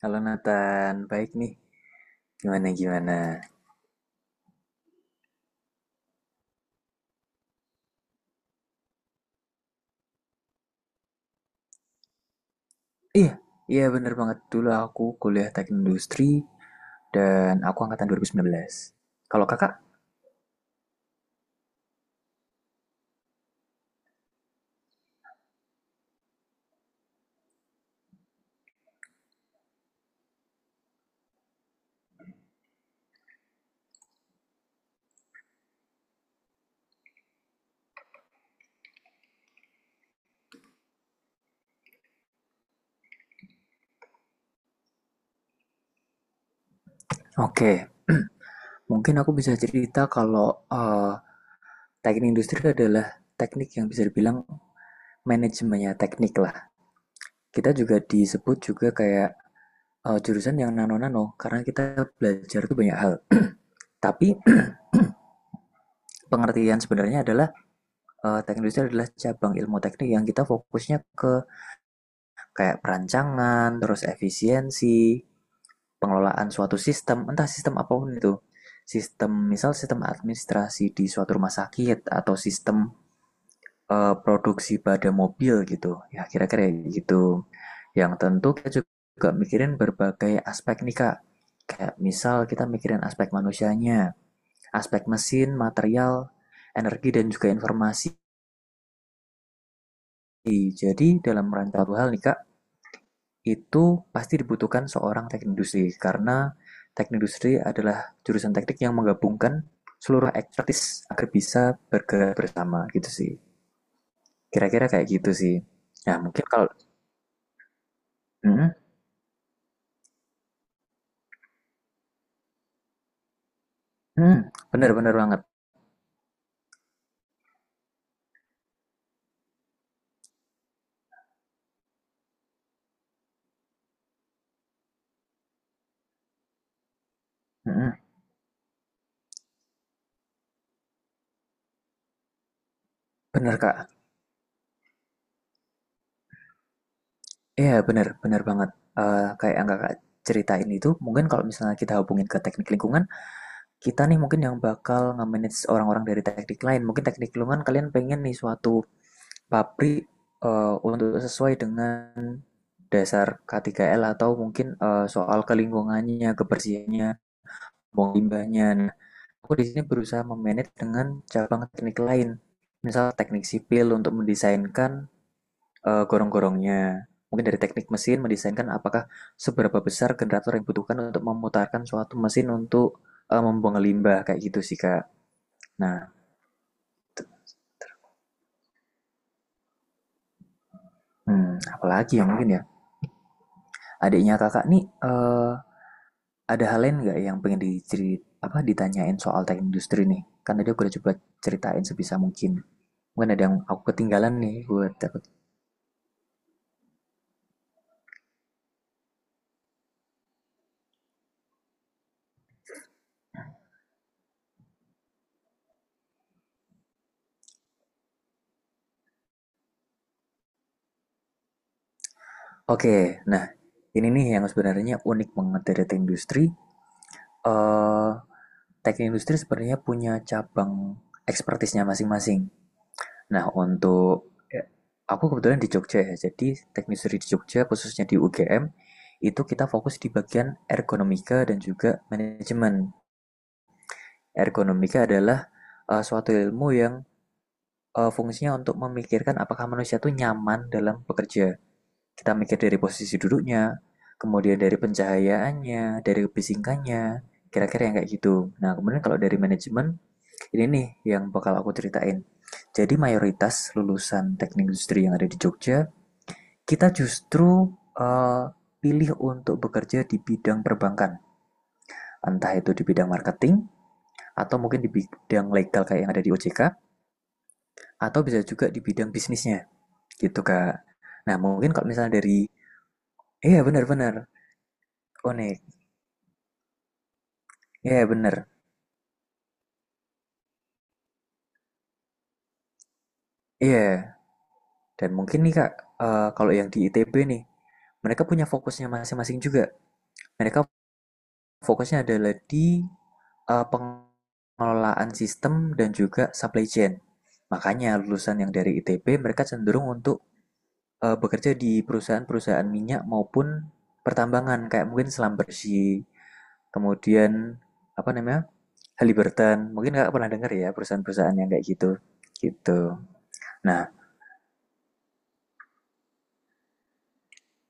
Halo Nathan, baik nih. Gimana gimana? Iya, iya bener banget. Dulu aku kuliah teknik industri dan aku angkatan 2019. Kalau kakak? Oke, mungkin aku bisa cerita kalau teknik industri adalah teknik yang bisa dibilang manajemennya teknik lah. Kita juga disebut juga kayak jurusan yang nano-nano karena kita belajar tuh banyak hal. Tapi pengertian sebenarnya adalah teknik industri adalah cabang ilmu teknik yang kita fokusnya ke kayak perancangan, terus efisiensi, pengelolaan suatu sistem, entah sistem apapun itu. Sistem, misal sistem administrasi di suatu rumah sakit atau sistem produksi pada mobil gitu. Ya kira-kira gitu. Yang tentu kita juga mikirin berbagai aspek nih Kak. Kayak misal kita mikirin aspek manusianya, aspek mesin, material, energi dan juga informasi. Jadi dalam rangka suatu hal nih Kak, itu pasti dibutuhkan seorang teknik industri, karena teknik industri adalah jurusan teknik yang menggabungkan seluruh expertise agar bisa bergerak bersama gitu sih. Kira-kira kayak gitu sih. Nah, mungkin kalau. Mm, mm, bener-bener banget. Mm, bener Kak. Iya, bener, bener banget. Kayak yang Kakak ceritain itu, mungkin kalau misalnya kita hubungin ke teknik lingkungan, kita nih mungkin yang bakal nge-manage orang-orang dari teknik lain. Mungkin teknik lingkungan kalian pengen nih suatu pabrik untuk sesuai dengan dasar K3L atau mungkin soal kelingkungannya, kebersihannya, buang limbahnya. Nah, aku di sini berusaha memanage dengan cabang teknik lain, misal teknik sipil untuk mendesainkan gorong-gorongnya. Mungkin dari teknik mesin mendesainkan apakah seberapa besar generator yang dibutuhkan untuk memutarkan suatu mesin untuk membuang limbah kayak gitu sih Kak. Nah, apalagi yang mungkin ya adiknya kakak nih eh, ada hal lain nggak yang pengen ditanyain soal teh industri nih? Kan tadi aku udah coba ceritain sebisa mungkin. Mungkin ada yang aku ketinggalan nih, gue takut. Oke, nah ini nih yang sebenarnya unik banget dari teh industri. eh Teknik industri sebenarnya punya cabang ekspertisnya masing-masing. Nah, aku kebetulan di Jogja ya, jadi teknik industri di Jogja, khususnya di UGM, itu kita fokus di bagian ergonomika dan juga manajemen. Ergonomika adalah suatu ilmu yang fungsinya untuk memikirkan apakah manusia tuh nyaman dalam bekerja. Kita mikir dari posisi duduknya, kemudian dari pencahayaannya, dari kebisingannya, kira-kira yang kayak gitu. Nah, kemudian kalau dari manajemen, ini nih yang bakal aku ceritain. Jadi mayoritas lulusan teknik industri yang ada di Jogja, kita justru, eee, pilih untuk bekerja di bidang perbankan. Entah itu di bidang marketing atau mungkin di bidang legal kayak yang ada di OJK atau bisa juga di bidang bisnisnya gitu Kak. Nah, mungkin kalau misalnya dari. Iya, benar-benar unik. Iya benar. Iya. Dan mungkin nih Kak, kalau yang di ITB nih, mereka punya fokusnya masing-masing juga. Mereka fokusnya adalah di pengelolaan sistem dan juga supply chain. Makanya lulusan yang dari ITB mereka cenderung untuk bekerja di perusahaan-perusahaan minyak maupun pertambangan kayak mungkin selam bersih, kemudian apa namanya? Halliburton, mungkin kakak pernah dengar ya perusahaan-perusahaan yang kayak gitu, gitu. Nah,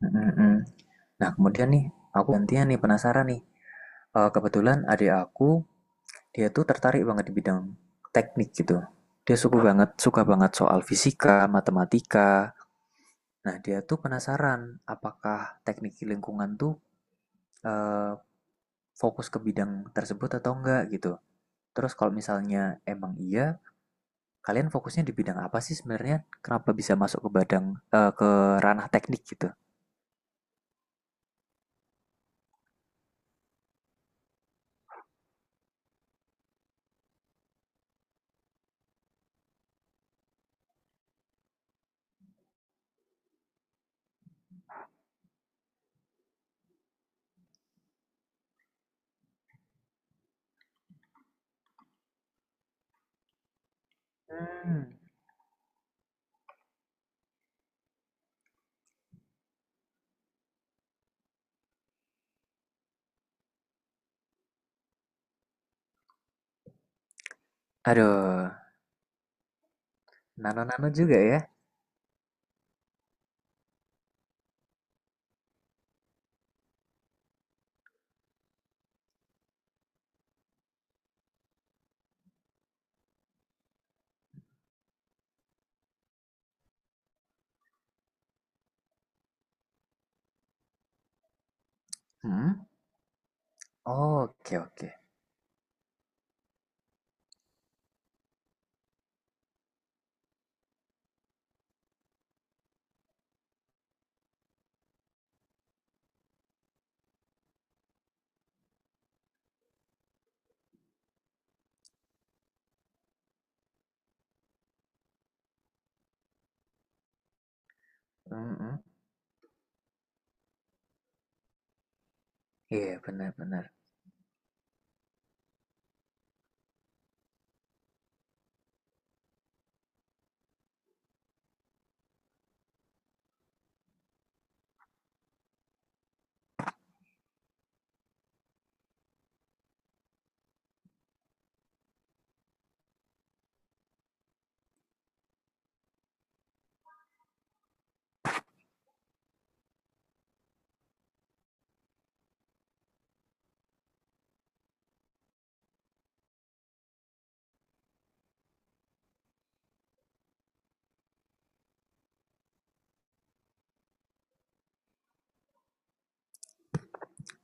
mm, mm. Nah kemudian nih, aku gantian nih penasaran nih. Kebetulan adik aku, dia tuh tertarik banget di bidang teknik gitu. Dia suka banget soal fisika, matematika. Nah, dia tuh penasaran apakah teknik lingkungan tuh eh, fokus ke bidang tersebut atau enggak gitu. Terus kalau misalnya emang iya, kalian fokusnya di bidang apa sih sebenarnya? Kenapa bisa masuk ke ranah teknik gitu? Hmm. Aduh, nano-nano juga ya? Hmm? Oh, oke oke. Mm-mm. Iya, benar-benar.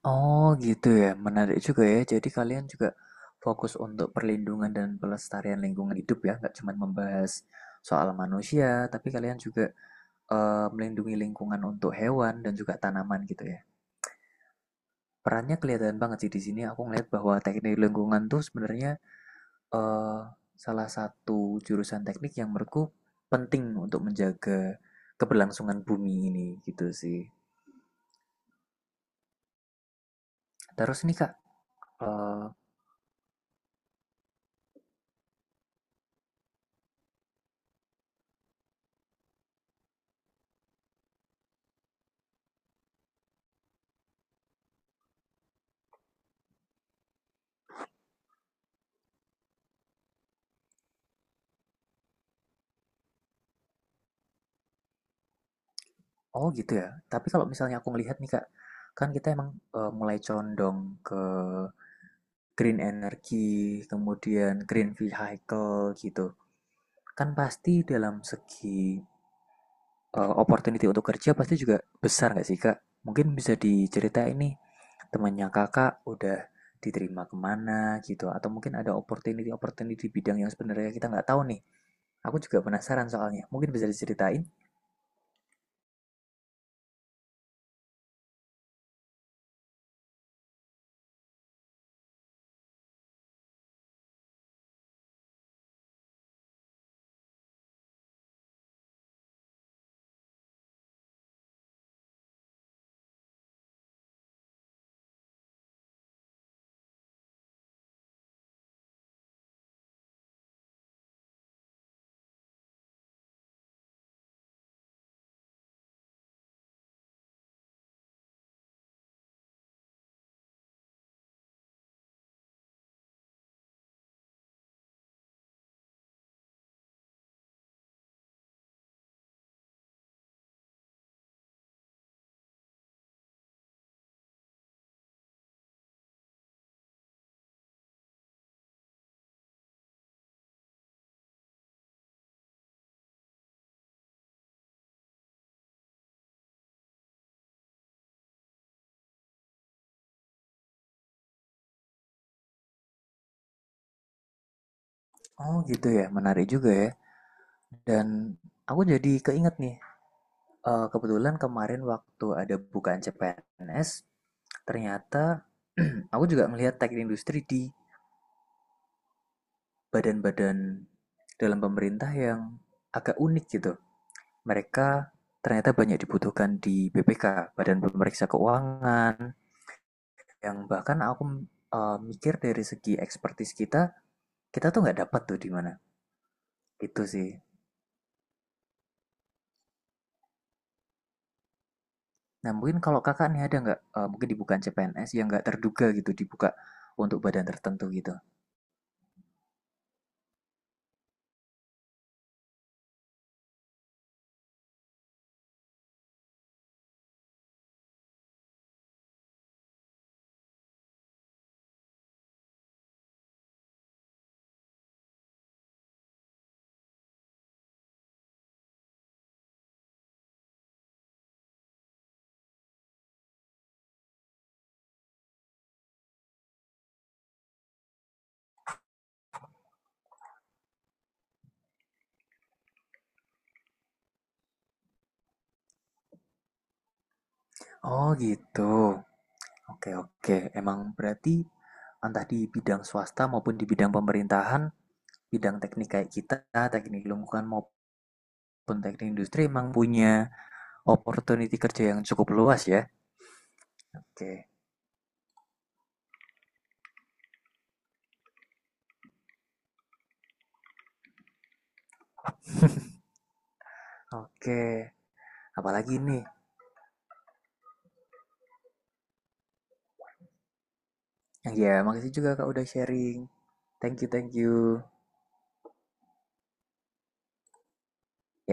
Oh, gitu ya. Menarik juga ya. Jadi kalian juga fokus untuk perlindungan dan pelestarian lingkungan hidup ya, nggak cuma membahas soal manusia, tapi kalian juga melindungi lingkungan untuk hewan dan juga tanaman gitu ya. Perannya kelihatan banget sih di sini. Aku ngeliat bahwa teknik lingkungan tuh sebenarnya eh, salah satu jurusan teknik yang menurutku penting untuk menjaga keberlangsungan bumi ini gitu sih. Terus nih Kak. eh, oh, gitu ya. Tapi kalau misalnya aku melihat nih Kak, kan kita emang mulai condong ke green energy, kemudian green vehicle gitu. Kan pasti dalam segi opportunity untuk kerja pasti juga besar nggak sih kak? Mungkin bisa diceritain nih temannya kakak udah diterima kemana gitu atau mungkin ada opportunity opportunity bidang yang sebenarnya kita nggak tahu nih. Aku juga penasaran soalnya. Mungkin bisa diceritain? Oh gitu ya, menarik juga ya. Dan aku jadi keinget nih, kebetulan kemarin waktu ada bukaan CPNS, ternyata aku juga melihat teknik industri di badan-badan dalam pemerintah yang agak unik gitu. Mereka ternyata banyak dibutuhkan di BPK, Badan Pemeriksa Keuangan, yang bahkan aku mikir dari segi ekspertis kita, tuh nggak dapat tuh di mana. Itu sih. Nah, mungkin kalau kakak nih ada nggak, mungkin dibuka CPNS yang nggak terduga gitu, dibuka untuk badan tertentu gitu. Oh gitu. Oke, oke. Emang berarti entah di bidang swasta maupun di bidang pemerintahan, bidang teknik kayak kita, teknik lingkungan maupun teknik industri emang punya opportunity kerja yang cukup luas ya. Oke. Oke. Apalagi nih? Ya, makasih juga Kak udah sharing. Thank you, thank you.